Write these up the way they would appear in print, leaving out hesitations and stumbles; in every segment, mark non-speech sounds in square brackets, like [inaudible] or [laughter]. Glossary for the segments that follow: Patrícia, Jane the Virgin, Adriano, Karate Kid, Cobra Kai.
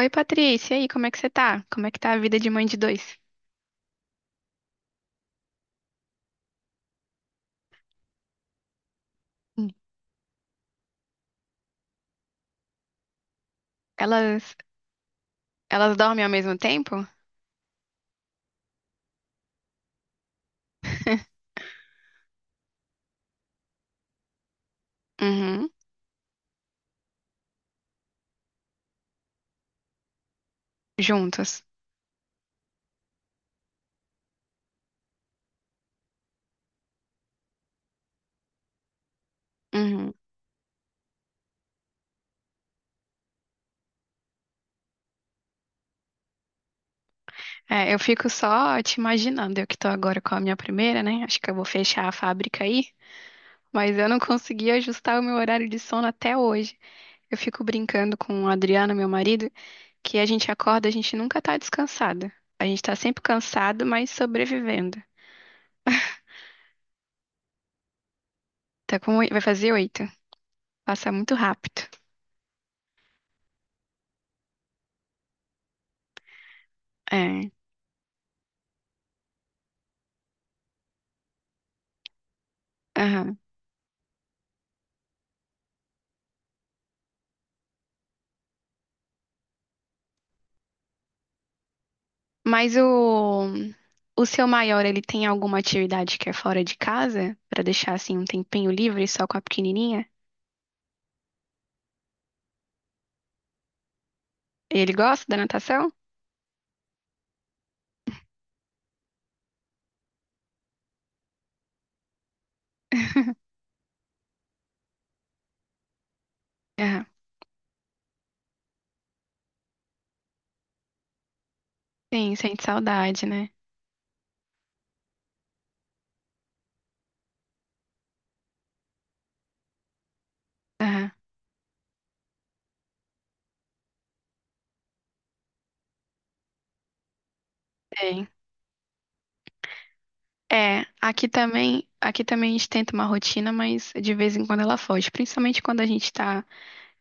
Oi, Patrícia, e aí, como é que você tá? Como é que tá a vida de mãe de dois? Hum. Elas, elas dormem ao mesmo tempo? [laughs] Uhum, juntas. Uhum. É, eu fico só te imaginando, eu que tô agora com a minha primeira, né? Acho que eu vou fechar a fábrica aí, mas eu não consegui ajustar o meu horário de sono até hoje. Eu fico brincando com o Adriano, meu marido, que a gente acorda, a gente nunca tá descansada. A gente tá sempre cansado, mas sobrevivendo. Vai fazer oito. Passa muito rápido. É. Aham. Mas o seu maior, ele tem alguma atividade que é fora de casa? Pra deixar, assim, um tempinho livre só com a pequenininha? Ele gosta da natação? [laughs] Aham. Sim, sente saudade, né? Aham, tem. É, aqui também a gente tenta uma rotina, mas de vez em quando ela foge, principalmente quando a gente está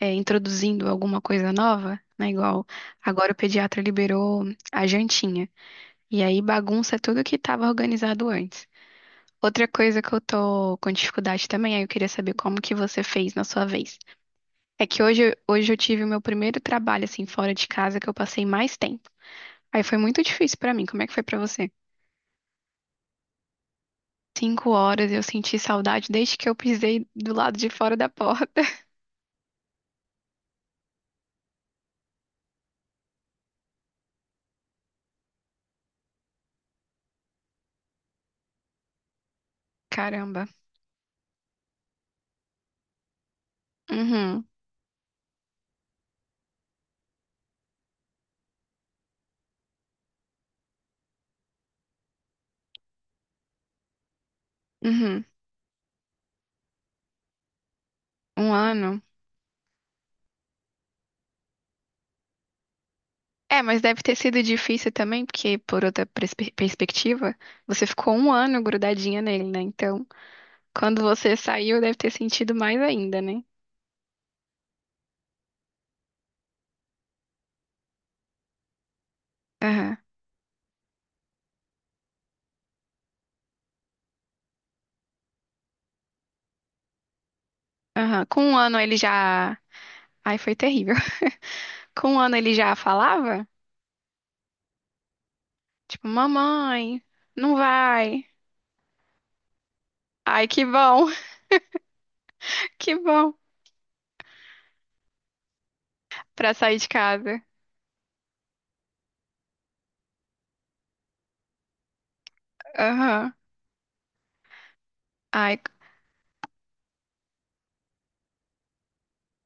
introduzindo alguma coisa nova, né? Igual agora o pediatra liberou a jantinha. E aí bagunça tudo que estava organizado antes. Outra coisa que eu tô com dificuldade também, aí eu queria saber como que você fez na sua vez. É que hoje eu tive o meu primeiro trabalho, assim, fora de casa, que eu passei mais tempo. Aí foi muito difícil pra mim. Como é que foi pra você? 5 horas, eu senti saudade desde que eu pisei do lado de fora da porta. [laughs] Caramba. Uhum, uhum. Um ano. É, mas deve ter sido difícil também, porque por outra perspectiva, você ficou um ano grudadinha nele, né? Então, quando você saiu, deve ter sentido mais ainda, né? Aham. Com um ano ele já. Ai, foi terrível. [laughs] Com um ano ele já falava? Tipo, mamãe, não vai. Ai, que bom, [laughs] que bom. Pra sair de casa. Aham. Ai,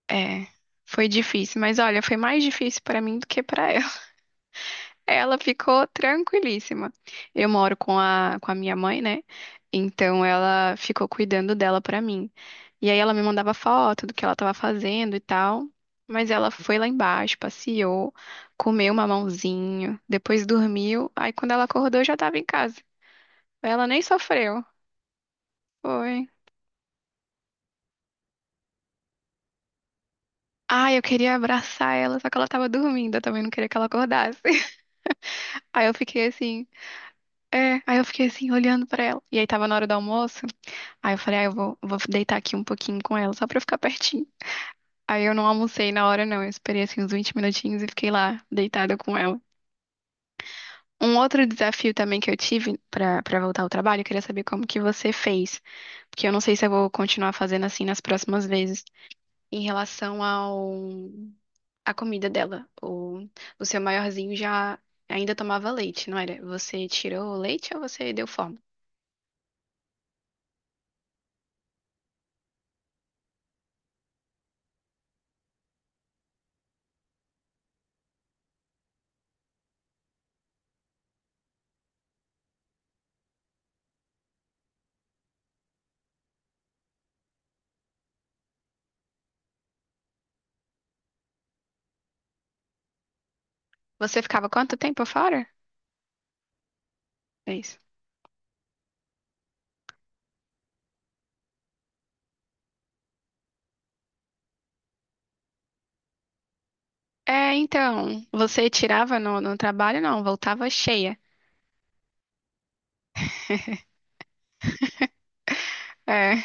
é. Foi difícil, mas olha, foi mais difícil pra mim do que pra ela. Ela ficou tranquilíssima. Eu moro com a minha mãe, né? Então ela ficou cuidando dela pra mim. E aí ela me mandava foto do que ela tava fazendo e tal. Mas ela foi lá embaixo, passeou, comeu um mamãozinho, depois dormiu. Aí quando ela acordou, eu já tava em casa. Ela nem sofreu. Foi. Ai, eu queria abraçar ela, só que ela tava dormindo. Eu também não queria que ela acordasse. [laughs] Aí eu fiquei assim. É, aí eu fiquei assim, olhando pra ela. E aí tava na hora do almoço. Aí eu falei, ah, eu vou deitar aqui um pouquinho com ela, só pra eu ficar pertinho. Aí eu não almocei na hora, não. Eu esperei assim uns 20 minutinhos e fiquei lá, deitada com ela. Um outro desafio também que eu tive pra voltar ao trabalho, eu queria saber como que você fez. Porque eu não sei se eu vou continuar fazendo assim nas próximas vezes. Em relação ao... A comida dela. O seu maiorzinho já ainda tomava leite, não era? Você tirou o leite ou você deu forma? Você ficava quanto tempo fora? É isso. É, então, você tirava no trabalho? Não, voltava cheia. [laughs] É,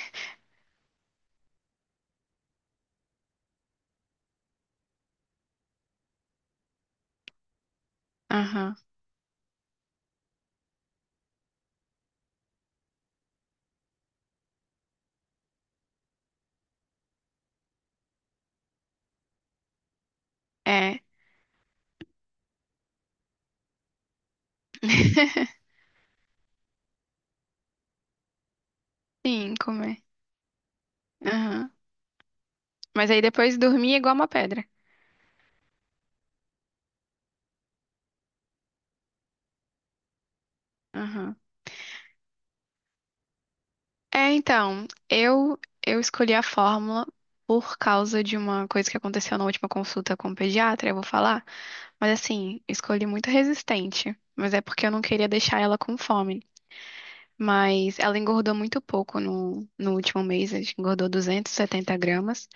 aham, é. [laughs] Sim, comer. Aham. Mas aí depois dormia igual uma pedra. Aham. É, então, eu escolhi a fórmula por causa de uma coisa que aconteceu na última consulta com o pediatra, eu vou falar. Mas assim, escolhi muito resistente. Mas é porque eu não queria deixar ela com fome. Mas ela engordou muito pouco no último mês, acho que engordou 270 gramas.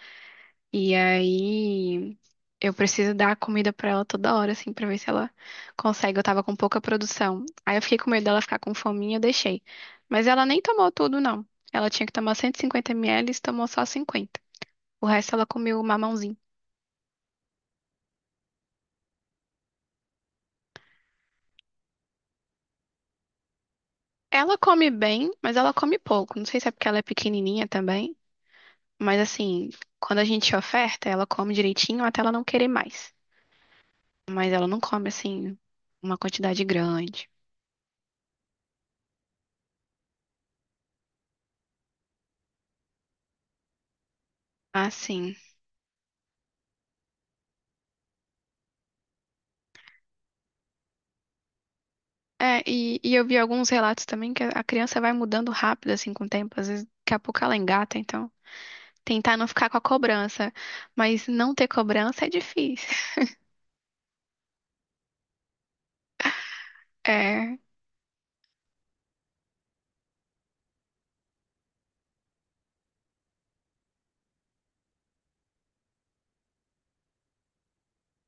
E aí eu preciso dar comida pra ela toda hora, assim, pra ver se ela consegue. Eu tava com pouca produção. Aí eu fiquei com medo dela ficar com fominha, eu deixei. Mas ela nem tomou tudo, não. Ela tinha que tomar 150 ml e tomou só 50. O resto ela comeu mamãozinho. Ela come bem, mas ela come pouco. Não sei se é porque ela é pequenininha também. Mas assim, quando a gente oferta, ela come direitinho até ela não querer mais. Mas ela não come assim uma quantidade grande. Ah, sim. É, e eu vi alguns relatos também que a criança vai mudando rápido assim com o tempo, às vezes daqui a pouco ela engata, então tentar não ficar com a cobrança, mas não ter cobrança é difícil. [laughs] É,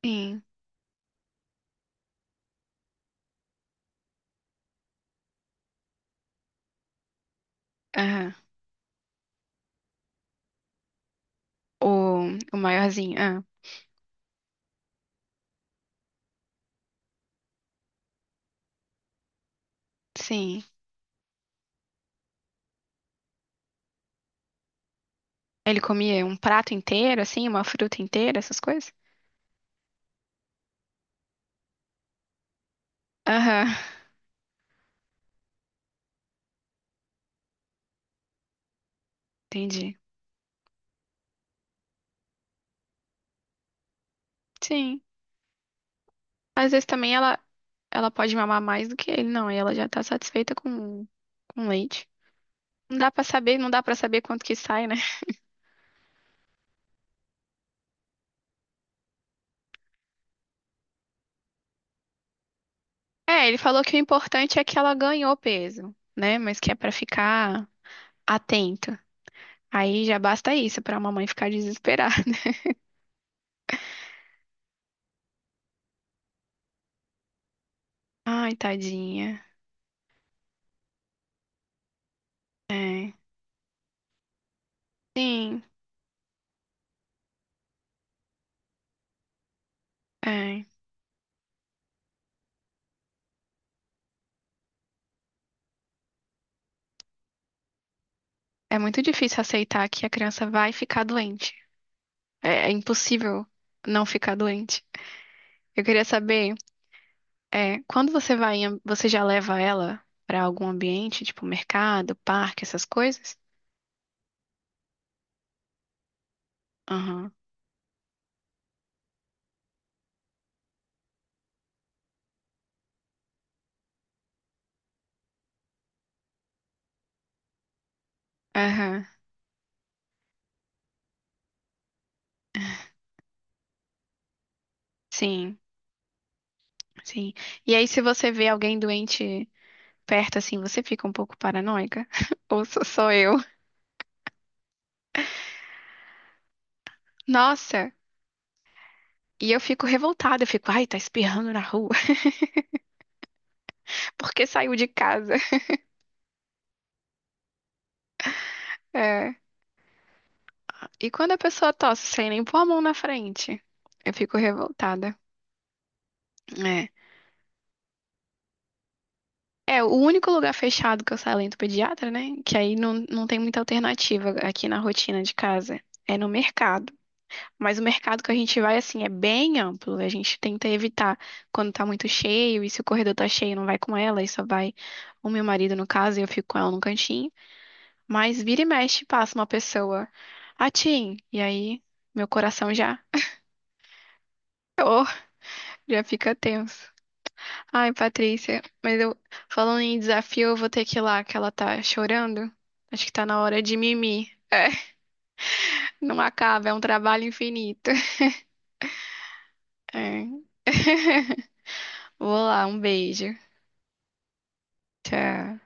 sim. Aham. O maiorzinho, ah, sim. Ele comia um prato inteiro assim, uma fruta inteira, essas coisas? Aham. Entendi. Sim. Às vezes também ela pode mamar mais do que ele, não. E ela já tá satisfeita com leite. Não dá pra saber, não dá pra saber quanto que sai, né? [laughs] É, ele falou que o importante é que ela ganhou peso, né? Mas que é pra ficar atenta. Aí já basta isso pra mamãe ficar desesperada. [laughs] Ai, tadinha. É. Sim, é. É muito difícil aceitar que a criança vai ficar doente. É, é impossível não ficar doente. Eu queria saber. É, quando você vai, você já leva ela pra algum ambiente, tipo mercado, parque, essas coisas? Aham. Aham. Sim, sim. E aí, se você vê alguém doente perto, assim, você fica um pouco paranoica? [laughs] Ou sou só eu? Nossa, e eu fico revoltada, eu fico, ai, tá espirrando na rua, [laughs] porque saiu de casa. É. E quando a pessoa tosse sem nem pôr a mão na frente, eu fico revoltada. É. É, o único lugar fechado que eu saio além do pediatra, né? Que aí não tem muita alternativa aqui na rotina de casa. É no mercado. Mas o mercado que a gente vai, assim, é bem amplo. A gente tenta evitar quando tá muito cheio. E se o corredor tá cheio, não vai com ela. E só vai o meu marido, no caso, e eu fico com ela no cantinho. Mas vira e mexe, passa uma pessoa. Atim! E aí, meu coração já, fica tenso. Ai, Patrícia, mas eu falando em desafio, eu vou ter que ir lá, que ela tá chorando. Acho que tá na hora de mimir. Não acaba, é um trabalho infinito. [laughs] É. Vou lá, um beijo. Tchau.